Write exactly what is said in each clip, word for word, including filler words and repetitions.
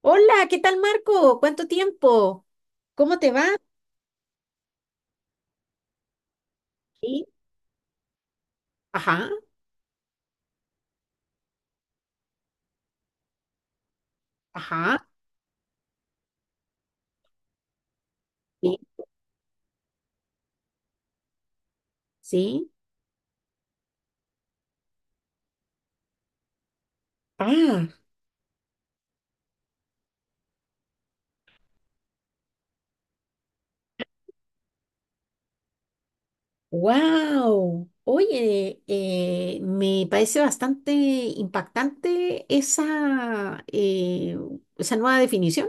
Hola, ¿qué tal Marco? ¿Cuánto tiempo? ¿Cómo te va? Sí. Ajá, ajá, sí, sí. Ah, wow. Oye, eh, me parece bastante impactante esa, eh, esa nueva definición,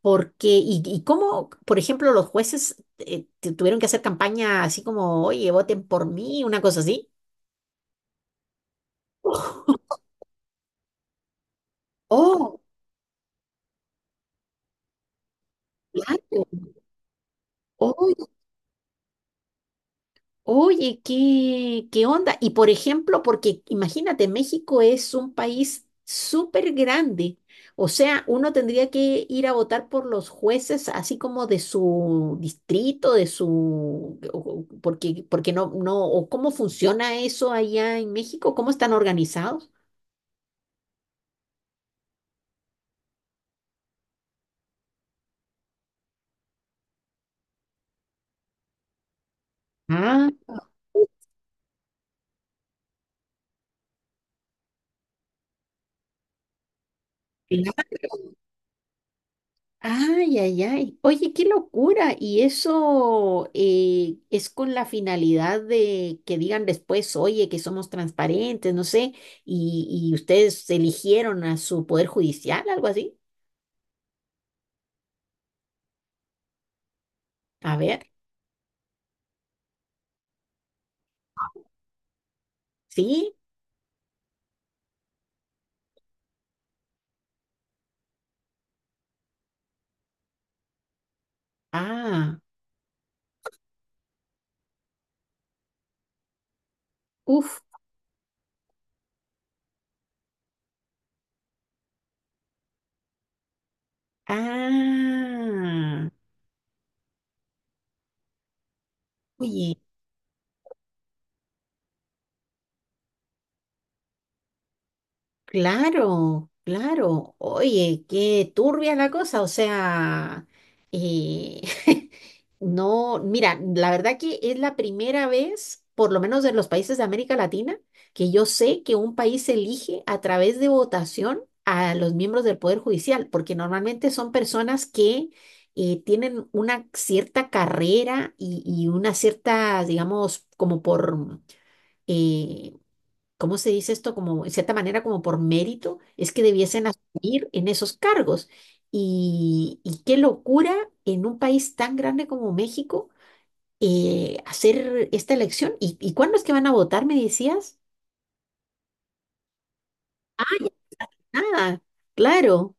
porque, y, y cómo, por ejemplo, los jueces eh, te- tuvieron que hacer campaña así como, oye, voten por mí, una cosa así. Oh, claro. Oye, ¿qué, qué onda? Y por ejemplo, porque imagínate, México es un país súper grande. O sea, uno tendría que ir a votar por los jueces así como de su distrito, de su... o- o- Porque, porque no, no, o cómo funciona eso allá en México, cómo están organizados. Ah, claro. Ay, ay, ay. Oye, qué locura. ¿Y eso eh, es con la finalidad de que digan después, oye, que somos transparentes, no sé, y, y ustedes eligieron a su poder judicial, algo así? A ver, ¿sí? Ah, uff. Ah, oye. Claro, claro. Oye, qué turbia la cosa. O sea, eh, no, mira, la verdad que es la primera vez, por lo menos en los países de América Latina, que yo sé que un país elige a través de votación a los miembros del Poder Judicial, porque normalmente son personas que eh, tienen una cierta carrera y, y una cierta, digamos, como por... eh, ¿cómo se dice esto? Como, en cierta manera, como por mérito, es que debiesen asumir en esos cargos. Y, y qué locura en un país tan grande como México eh, hacer esta elección. ¿Y, y cuándo es que van a votar, me decías? Ah, ya, nada, claro.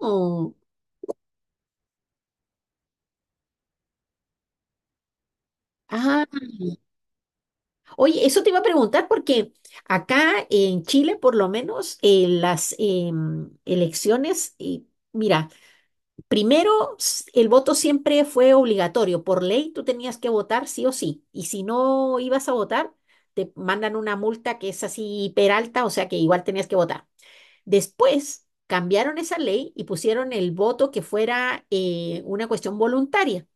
Oh, ah. Oye, eso te iba a preguntar porque acá en Chile, por lo menos, eh, las em, elecciones, y mira, primero, s- el voto siempre fue obligatorio. Por ley, tú tenías que votar sí o sí. Y si no ibas a votar, te mandan una multa que es así peralta, o sea que igual tenías que votar. Después, cambiaron esa ley y pusieron el voto que fuera eh, una cuestión voluntaria.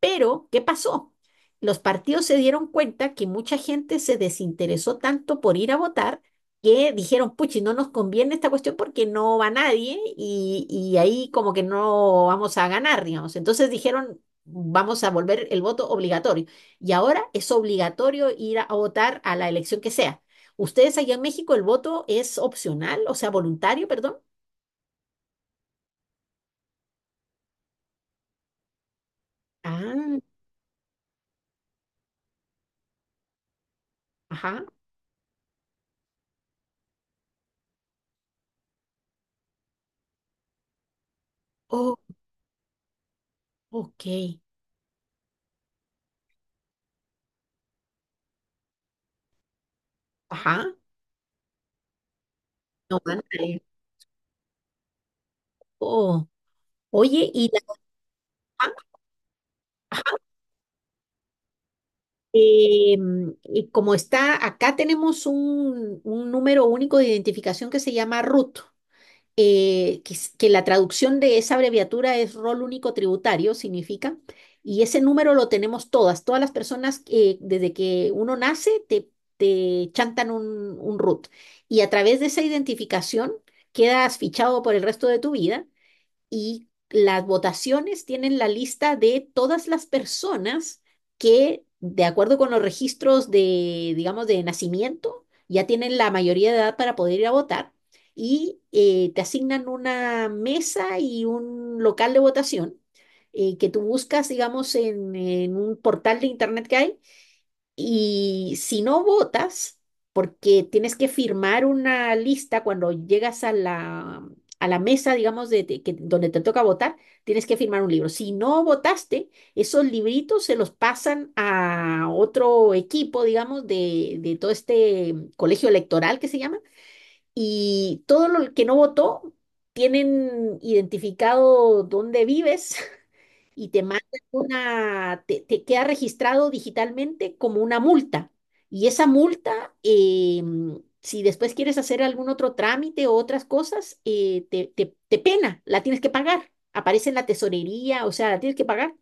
Pero, ¿qué pasó? Los partidos se dieron cuenta que mucha gente se desinteresó tanto por ir a votar que dijeron, puchi, no nos conviene esta cuestión porque no va nadie y, y ahí como que no vamos a ganar, digamos. Entonces dijeron, vamos a volver el voto obligatorio. Y ahora es obligatorio ir a, a votar a la elección que sea. ¿Ustedes allá en México el voto es opcional, o sea, voluntario, perdón? Ah, ajá. Oh, ok. Ajá. No, ándale. Oh. Oye, y la- ah, ajá, eh, mm, y como está, acá tenemos un, un número único de identificación que se llama R U T, eh, que, es- que la traducción de esa abreviatura es Rol Único Tributario, significa, y ese número lo tenemos todas, todas las personas que desde que uno nace te, te chantan un, un R U T, y a través de esa identificación quedas fichado por el resto de tu vida y las votaciones tienen la lista de todas las personas que, de acuerdo con los registros de, digamos, de nacimiento, ya tienen la mayoría de edad para poder ir a votar y eh, te asignan una mesa y un local de votación eh, que tú buscas, digamos, en, en un portal de internet que hay y si no votas, porque tienes que firmar una lista cuando llegas a la, a la mesa, digamos, de, de que, donde te toca votar, tienes que firmar un libro. Si no votaste, esos libritos se los pasan a otro equipo, digamos, de, de todo este mm, colegio electoral que se llama, y todo lo que no votó, tienen identificado dónde vives y te mandan una, te, te queda registrado digitalmente como una multa. Y esa multa, eh, si después quieres hacer algún otro trámite o otras cosas, eh, te, te, te pena, la tienes que pagar. Aparece en la tesorería, o sea, la tienes que pagar.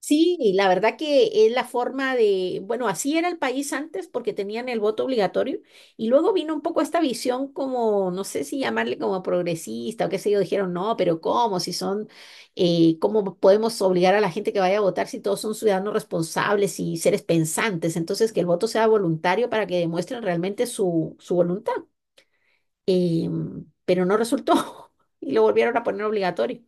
Sí, y la verdad que es la forma de, bueno, así era el país antes porque tenían el voto obligatorio y luego vino un poco esta visión como, no sé si llamarle como progresista o qué sé yo, dijeron, no, pero ¿cómo? Si son, eh, ¿cómo podemos obligar a la gente que vaya a votar si todos son ciudadanos responsables y seres pensantes? Entonces, que el voto sea voluntario para que demuestren realmente su, su voluntad. Em, pero no resultó y lo volvieron a poner obligatorio.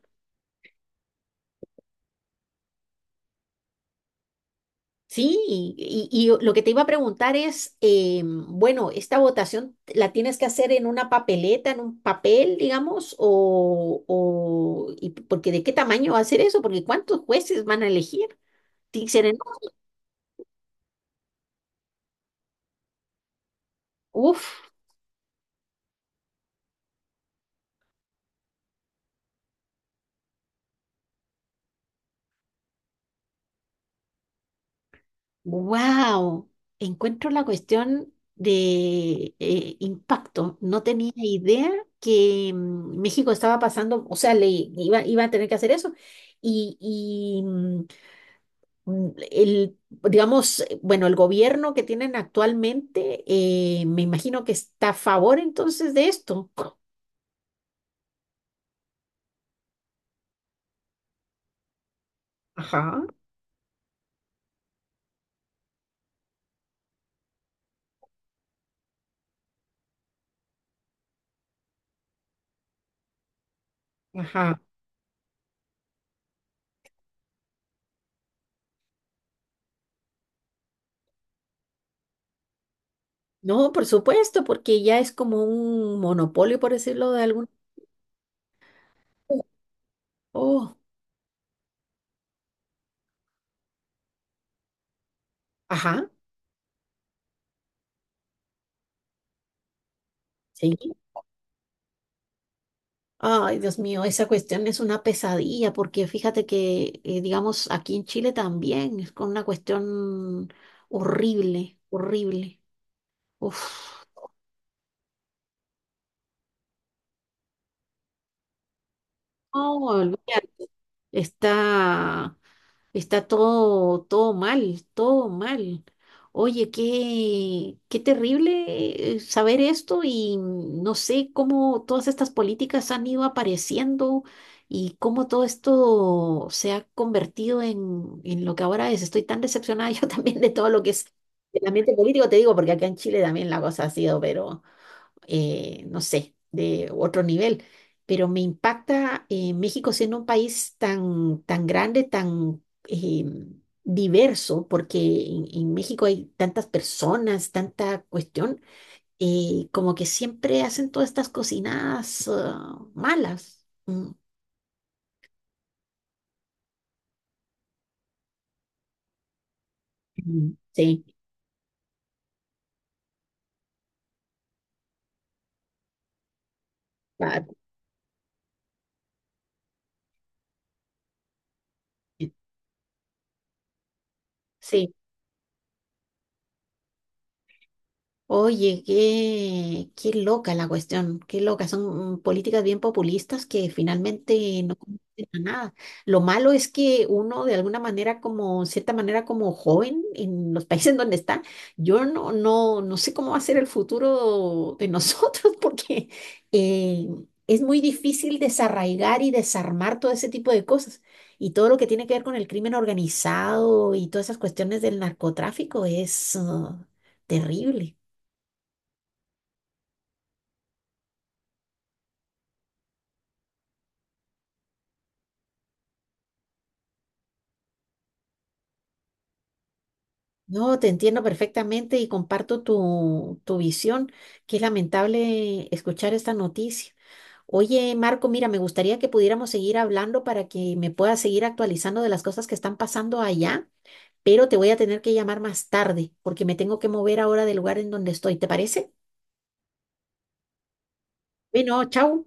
Sí, y, y- y lo que te iba a preguntar es, eh, bueno, ¿esta votación la tienes que hacer en una papeleta, en un papel, digamos, o, o y porque de qué tamaño va a ser eso? Porque ¿cuántos jueces van a elegir? Tiene que ser enorme. Uf, wow, encuentro la cuestión de eh, impacto. No tenía idea que mm, México estaba pasando, o sea, le iba, iba a tener que hacer eso. Y, mm, el, digamos, bueno, el gobierno que tienen actualmente, eh, me imagino que está a favor entonces de esto. Ajá, ajá. No, por supuesto, porque ya es como un monopolio, por decirlo de algún... Oh, ajá, sí. Ay, Dios mío, esa cuestión es una pesadilla, porque fíjate que, eh, digamos, aquí en Chile también es con una cuestión horrible, horrible. Uf, no, olvídate. Está. Está todo, todo mal, todo mal. Oye, qué, qué terrible eh, saber esto y no sé cómo todas estas políticas han ido apareciendo y cómo todo esto se ha convertido en, en lo que ahora es. Estoy tan decepcionada yo también de todo lo que es el ambiente político, te digo, porque acá en Chile también la cosa ha sido, pero eh, no sé, de otro nivel. Pero me impacta eh, México siendo un país tan, tan grande, tan eh, diverso, porque en, en México hay tantas personas, tanta cuestión, eh, como que siempre hacen todas estas cocinadas ah, malas. Mm, Mm. Sí, pa- sí. Oye, qué, qué loca la cuestión, qué loca. Son mm, políticas bien populistas que finalmente no conducen a nada. Lo malo es que uno de alguna manera, como cierta manera, como joven en los países en donde está, yo no, no, no sé cómo va a ser el futuro de nosotros porque eh, es muy difícil desarraigar y desarmar todo ese tipo de cosas. Y todo lo que tiene que ver con el crimen organizado y todas esas cuestiones del narcotráfico es ah, terrible. No, te entiendo perfectamente y comparto tu, tu visión. Qué lamentable escuchar esta noticia. Oye, Marco, mira, me gustaría que pudiéramos seguir hablando para que me puedas seguir actualizando de las cosas que están pasando allá, pero te voy a tener que llamar más tarde porque me tengo que mover ahora del lugar en donde estoy. ¿Te parece? Bueno, chao.